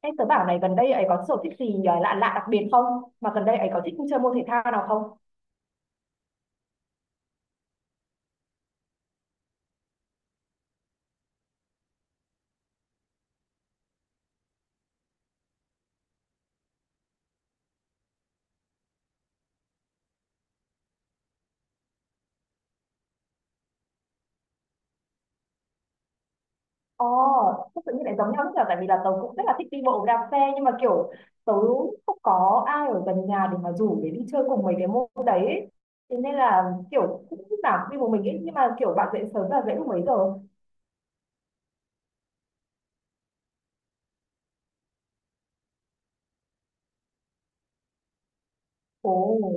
Em tớ bảo này gần đây ấy có sở thích gì lạ lạ đặc biệt không? Mà gần đây ấy có thích chơi môn thể thao nào không? Ồ, oh, tự nhiên lại giống nhau, rất là tại vì là tớ cũng rất là thích đi bộ đạp xe, nhưng mà kiểu tớ không có ai ở gần nhà để mà rủ để đi chơi cùng mấy cái môn đấy ấy. Thế nên là kiểu cũng lúc nào cũng đi một mình ấy, nhưng mà kiểu bạn dậy sớm là dậy lúc mấy giờ? Ồ.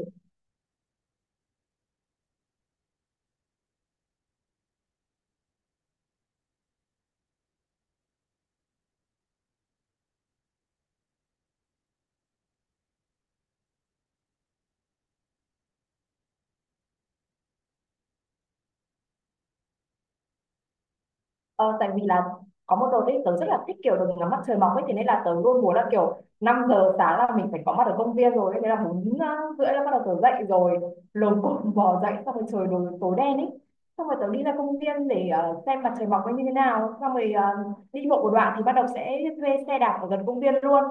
Ờ, tại vì là có một đợt ấy tớ rất là thích kiểu được ngắm mặt trời mọc ấy, thế nên là tớ luôn muốn là kiểu 5 giờ sáng là mình phải có mặt ở công viên rồi ấy. Thế là bốn rưỡi là bắt đầu tớ dậy rồi, lồm cồm bò dậy xong rồi trời đổ tối đen ấy, xong rồi tớ đi ra công viên để xem mặt trời mọc ấy như thế nào, xong rồi đi bộ một đoạn thì bắt đầu sẽ thuê xe đạp ở gần công viên luôn.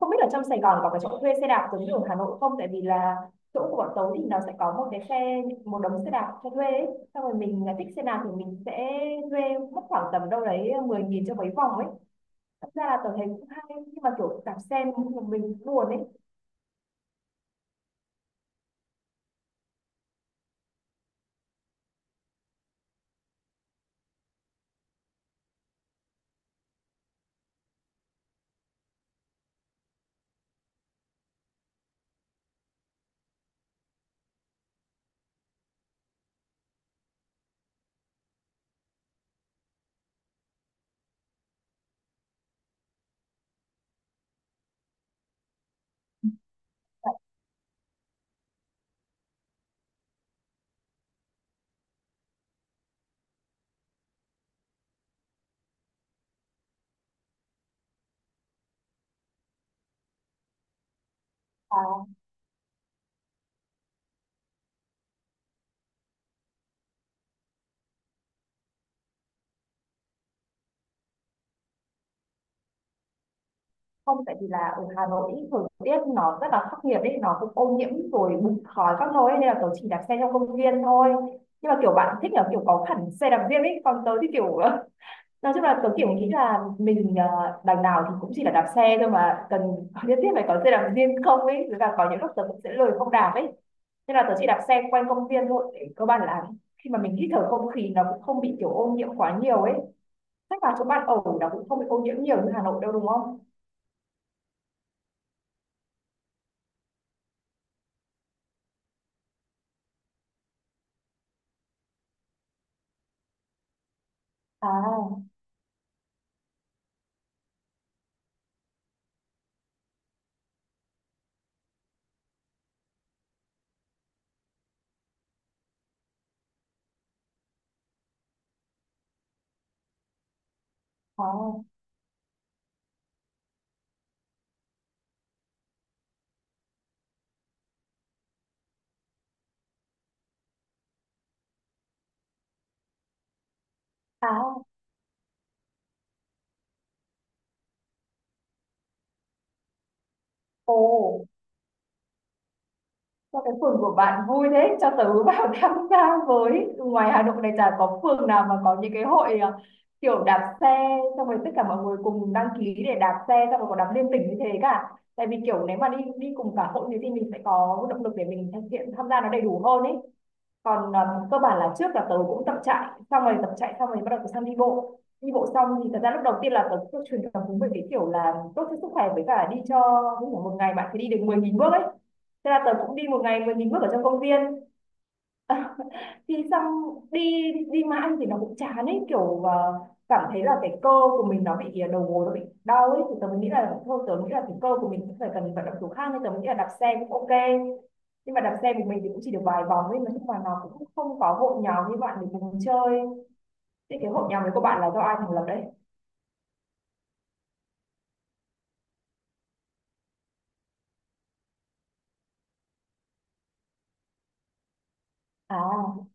Không biết là trong Sài Gòn có cái chỗ thuê xe đạp giống như ở Hà Nội không, tại vì là chỗ của bọn tớ thì nó sẽ có một cái xe, một đống xe đạp cho thuê ấy, xong rồi mình là thích xe nào thì mình sẽ thuê, mất khoảng tầm đâu đấy 10 nghìn cho mấy vòng ấy. Thật ra là tôi thấy cũng hay, nhưng mà kiểu đạp xe một mình buồn ấy. À, không, tại vì là ở Hà Nội ý, thời tiết nó rất là khắc nghiệt ấy, nó cũng ô nhiễm rồi bụi khói các nơi ấy, nên là tôi chỉ đạp xe trong công viên thôi. Nhưng mà kiểu bạn thích là kiểu có hẳn xe đạp riêng ấy, còn tớ thì kiểu Nói chung là tớ kiểu nghĩ là mình đằng nào thì cũng chỉ là đạp xe thôi mà cần nhất thiết phải có xe đạp riêng không ấy, với cả có những lúc tớ cũng sẽ lười không đạp ấy, nên là tớ chỉ đạp xe quanh công viên thôi để cơ bản là khi mà mình hít thở không khí nó cũng không bị kiểu ô nhiễm quá nhiều ấy. Chắc là chỗ bạn ở nó cũng không bị ô nhiễm nhiều như Hà Nội đâu đúng không? À. À. À. Ồ. Sao cái phường của bạn vui thế? Cho tớ vào tham gia với. Ngoài Hà Nội này chả có phường nào mà có những cái hội à, kiểu đạp xe xong rồi tất cả mọi người cùng đăng ký để đạp xe, xong rồi còn đạp liên tỉnh như thế cả. Tại vì kiểu nếu mà đi đi cùng cả hội thì mình sẽ có động lực để mình thực hiện tham gia nó đầy đủ hơn ấy. Còn cơ bản là trước là tớ cũng tập chạy xong rồi bắt đầu tớ sang đi bộ, đi bộ xong thì thật ra lúc đầu tiên là tớ cứ truyền cảm hứng về cái kiểu là tốt cho sức khỏe với cả đi cho ví dụ một ngày bạn phải đi được 10.000 bước ấy. Thế là tớ cũng đi một ngày 10.000 bước ở trong công viên. Thì xong đi, đi mà ăn thì nó cũng chán ấy kiểu cảm thấy là cái cơ của mình nó bị đầu gối nó bị đau ấy, thì tớ mới nghĩ là thôi tớ nghĩ là cái cơ của mình cũng phải cần vận động kiểu khác, nên tớ mới nghĩ là đạp xe cũng ok. Nhưng mà đạp xe của mình thì cũng chỉ được vài vòng ấy mà, nhưng mà nó cũng không có hội nhóm như bạn để cùng chơi. Thế cái hội nhóm đấy của bạn là do ai thành lập đấy? À.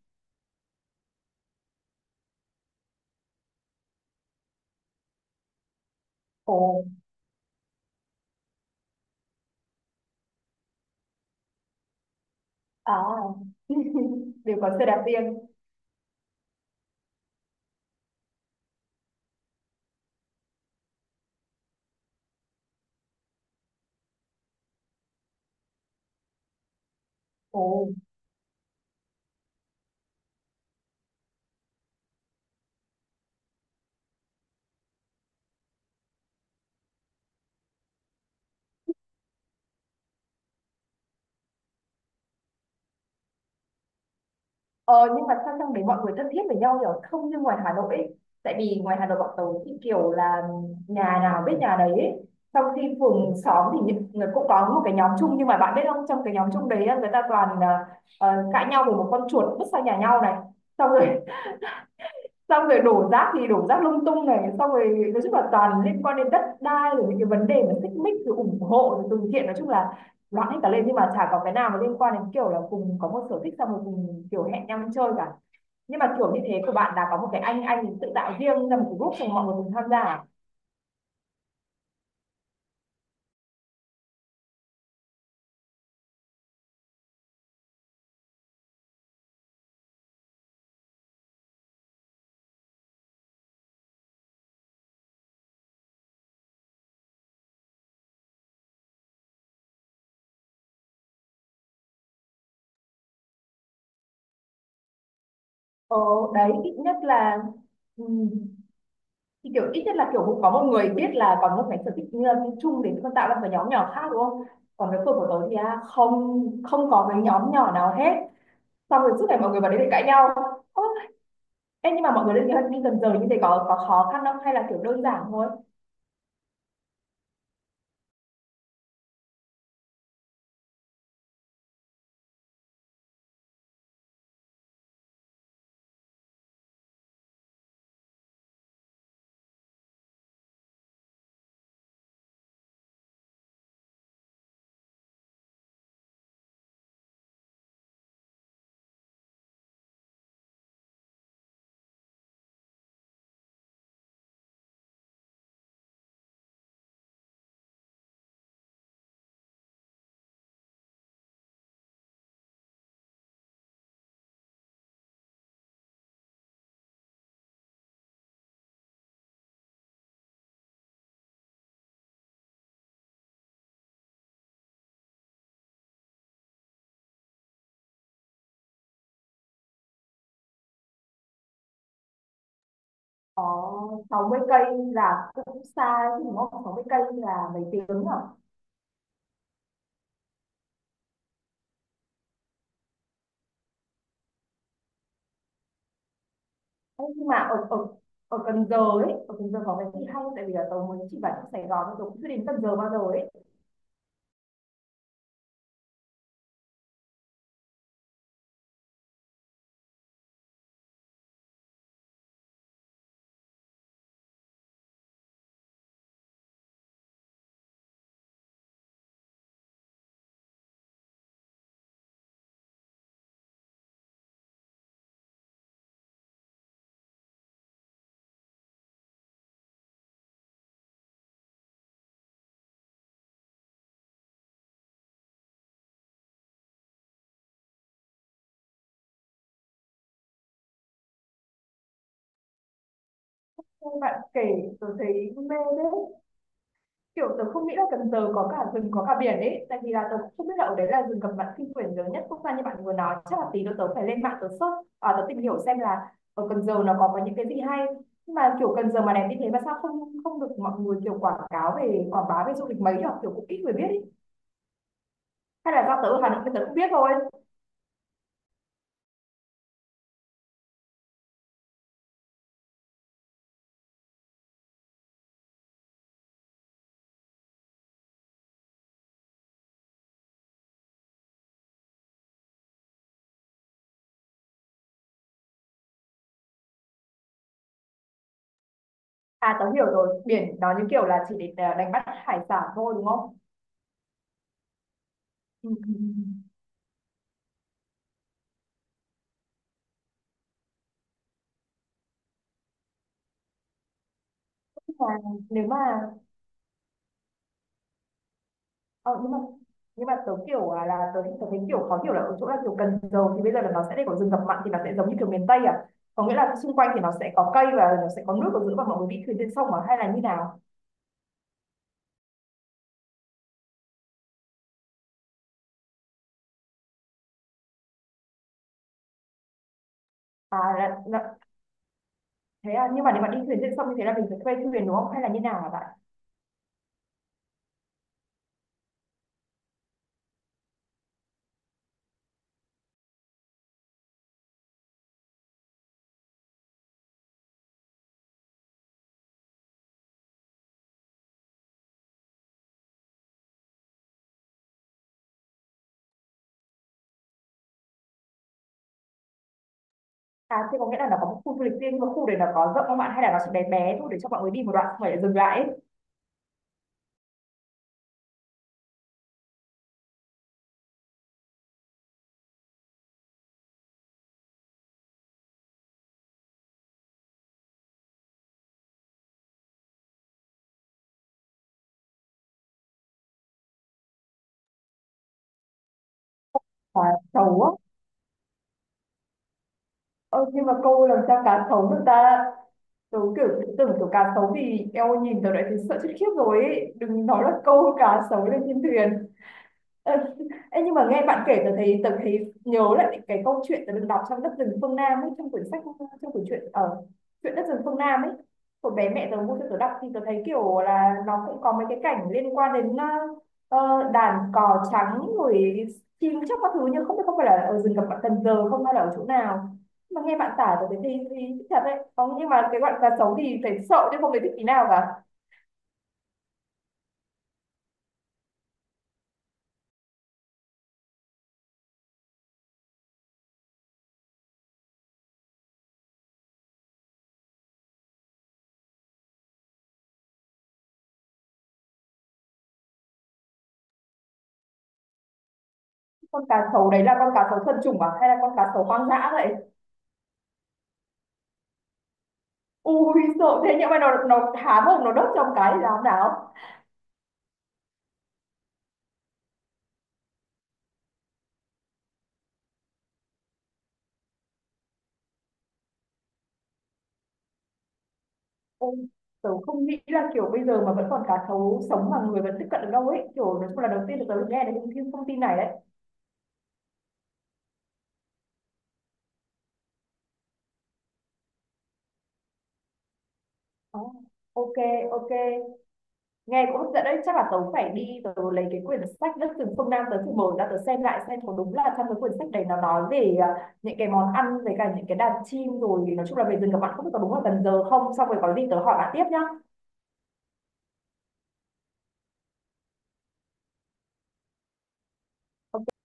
Ồ. À. Đều có xe đạp riêng. Ồ. Ờ, nhưng mà sao trong đấy mọi người thân thiết với nhau nhỉ? Không như ngoài Hà Nội ấy. Tại vì ngoài Hà Nội bọn tớ thì kiểu là nhà nào biết nhà đấy ấy. Trong khi phường xóm thì những người cũng có một cái nhóm chung, nhưng mà bạn biết không, trong cái nhóm chung đấy á, người ta toàn à, cãi nhau về một con chuột vứt sang nhà nhau này, xong rồi xong rồi đổ rác thì đổ rác lung tung này, xong rồi nói chung là toàn liên quan đến đất đai rồi những cái vấn đề mà xích mích rồi ủng hộ rồi từ thiện, nói chung là loạn hết cả lên, nhưng mà chả có cái nào mà liên quan đến kiểu là cùng có một sở thích xong rồi cùng kiểu hẹn nhau đi chơi cả. Nhưng mà kiểu như thế của bạn là có một cái anh tự tạo riêng ra một cái group xong mọi người cùng tham gia à? Ờ, đấy ít nhất là. Ừm. Thì kiểu ít nhất là kiểu cũng có một người biết là còn một cái sở thích chung để con tạo ra một cái nhóm nhỏ khác đúng không? Còn cái phường của tớ thì à, không, không có cái nhóm nhỏ nào hết. Xong rồi suốt ngày mọi người vào đấy để cãi nhau. Ơ. Ê, nhưng mà mọi người lên kế hoạch đi dần dần như thế có khó khăn không hay là kiểu đơn giản thôi? Có, 60 cây là cũng xa chứ đúng không? 60 cây là mấy tiếng à? Ê, nhưng mà ở ở ở Cần Giờ ấy, ở Cần Giờ có cái gì hay không? Tại vì là tớ mới chỉ vào trong Sài Gòn thôi, tớ cũng chưa đến Cần Giờ bao giờ ấy. Nghe bạn kể tớ thấy mê đấy, kiểu tớ không nghĩ là Cần Giờ có cả rừng có cả biển ấy, tại vì là tớ cũng không biết là ở đấy là rừng cầm bản kinh quyển lớn nhất quốc gia như bạn vừa nói. Chắc là tí nữa tớ phải lên mạng tớ search à, tớ tìm hiểu xem là ở Cần Giờ nó có những cái gì hay. Nhưng mà kiểu Cần Giờ mà đẹp như thế mà sao không không được mọi người kiểu quảng cáo về quảng bá về du lịch mấy nhở, kiểu cũng ít người biết ấy. Hay là do tớ ở Hà Nội nên tớ cũng biết thôi. À tớ hiểu rồi, biển nó như kiểu là chỉ để à, đánh bắt hải sản thôi đúng không? Ừ. Ừ, ừ. Nhưng mà nếu mà ờ, nhưng mà nhưng mà tớ kiểu à, là tớ thấy kiểu khó hiểu là ở chỗ là kiểu Cần Giờ thì bây giờ là nó sẽ để có rừng ngập mặn thì nó sẽ giống như kiểu miền Tây à? Có nghĩa là xung quanh thì nó sẽ có cây và nó sẽ có nước ở giữa và mọi người đi thuyền trên sông à? Hay là như nào? À là, thế à, nhưng mà nếu mà đi thuyền trên sông như thế là mình phải thuê thuyền đúng không? Hay là như nào hả bạn? À thế có nghĩa là nó có một khu du lịch riêng nhưng mà khu đấy nó có rộng không bạn? Hay là nó chỉ bé bé thôi để cho mọi người đi một đoạn xong rồi lại dừng lại ấy? À, xấu á. Ơ nhưng mà cô làm sao cá sấu được ta? Tớ kiểu tưởng kiểu cá sấu thì eo, nhìn tớ đã thấy sợ chết khiếp rồi ấy. Đừng nói là câu cá sấu lên trên thuyền. Ờ. Ê, nhưng mà nghe bạn kể tớ thấy nhớ lại những cái câu chuyện tớ được đọc trong đất rừng phương Nam ấy, trong quyển sách, trong quyển truyện ở chuyện đất rừng phương Nam ấy hồi bé mẹ tớ mua cho tớ đọc, thì tớ thấy kiểu là nó cũng có mấy cái cảnh liên quan đến đàn cò trắng rồi chim chóc các thứ, nhưng không biết không phải là ở rừng gặp bạn Cần Giờ không hay là ở chỗ nào. Nhưng mà nghe bạn tả tớ thấy thì thích thật đấy. Không nhưng mà cái bạn cá sấu thì phải sợ chứ không phải thích tí nào cả. Con cá sấu đấy là con cá sấu thuần chủng à hay là con cá sấu hoang dã vậy? Ui, sợ thế, nhưng mà nó há mồm nó đốt trong cái thì làm nào? Ôi tớ không nghĩ là kiểu bây giờ mà vẫn còn cá thấu sống mà người vẫn tiếp cận được đâu ấy, kiểu nói chung là đầu tiên là tớ được nghe được những cái thông tin này đấy. Ờ, ok ok nghe cũng hấp dẫn đấy, chắc là tớ phải đi tớ lấy cái quyển sách đất rừng phương Nam tớ thử mở ra tớ xem lại xem có đúng là trong cái quyển sách đấy nó nói về à, những cái món ăn với cả những cái đàn chim rồi nói chung là về rừng các bạn, không biết có đúng là Cần Giờ không, xong rồi có gì tớ hỏi bạn tiếp nhá. Ok.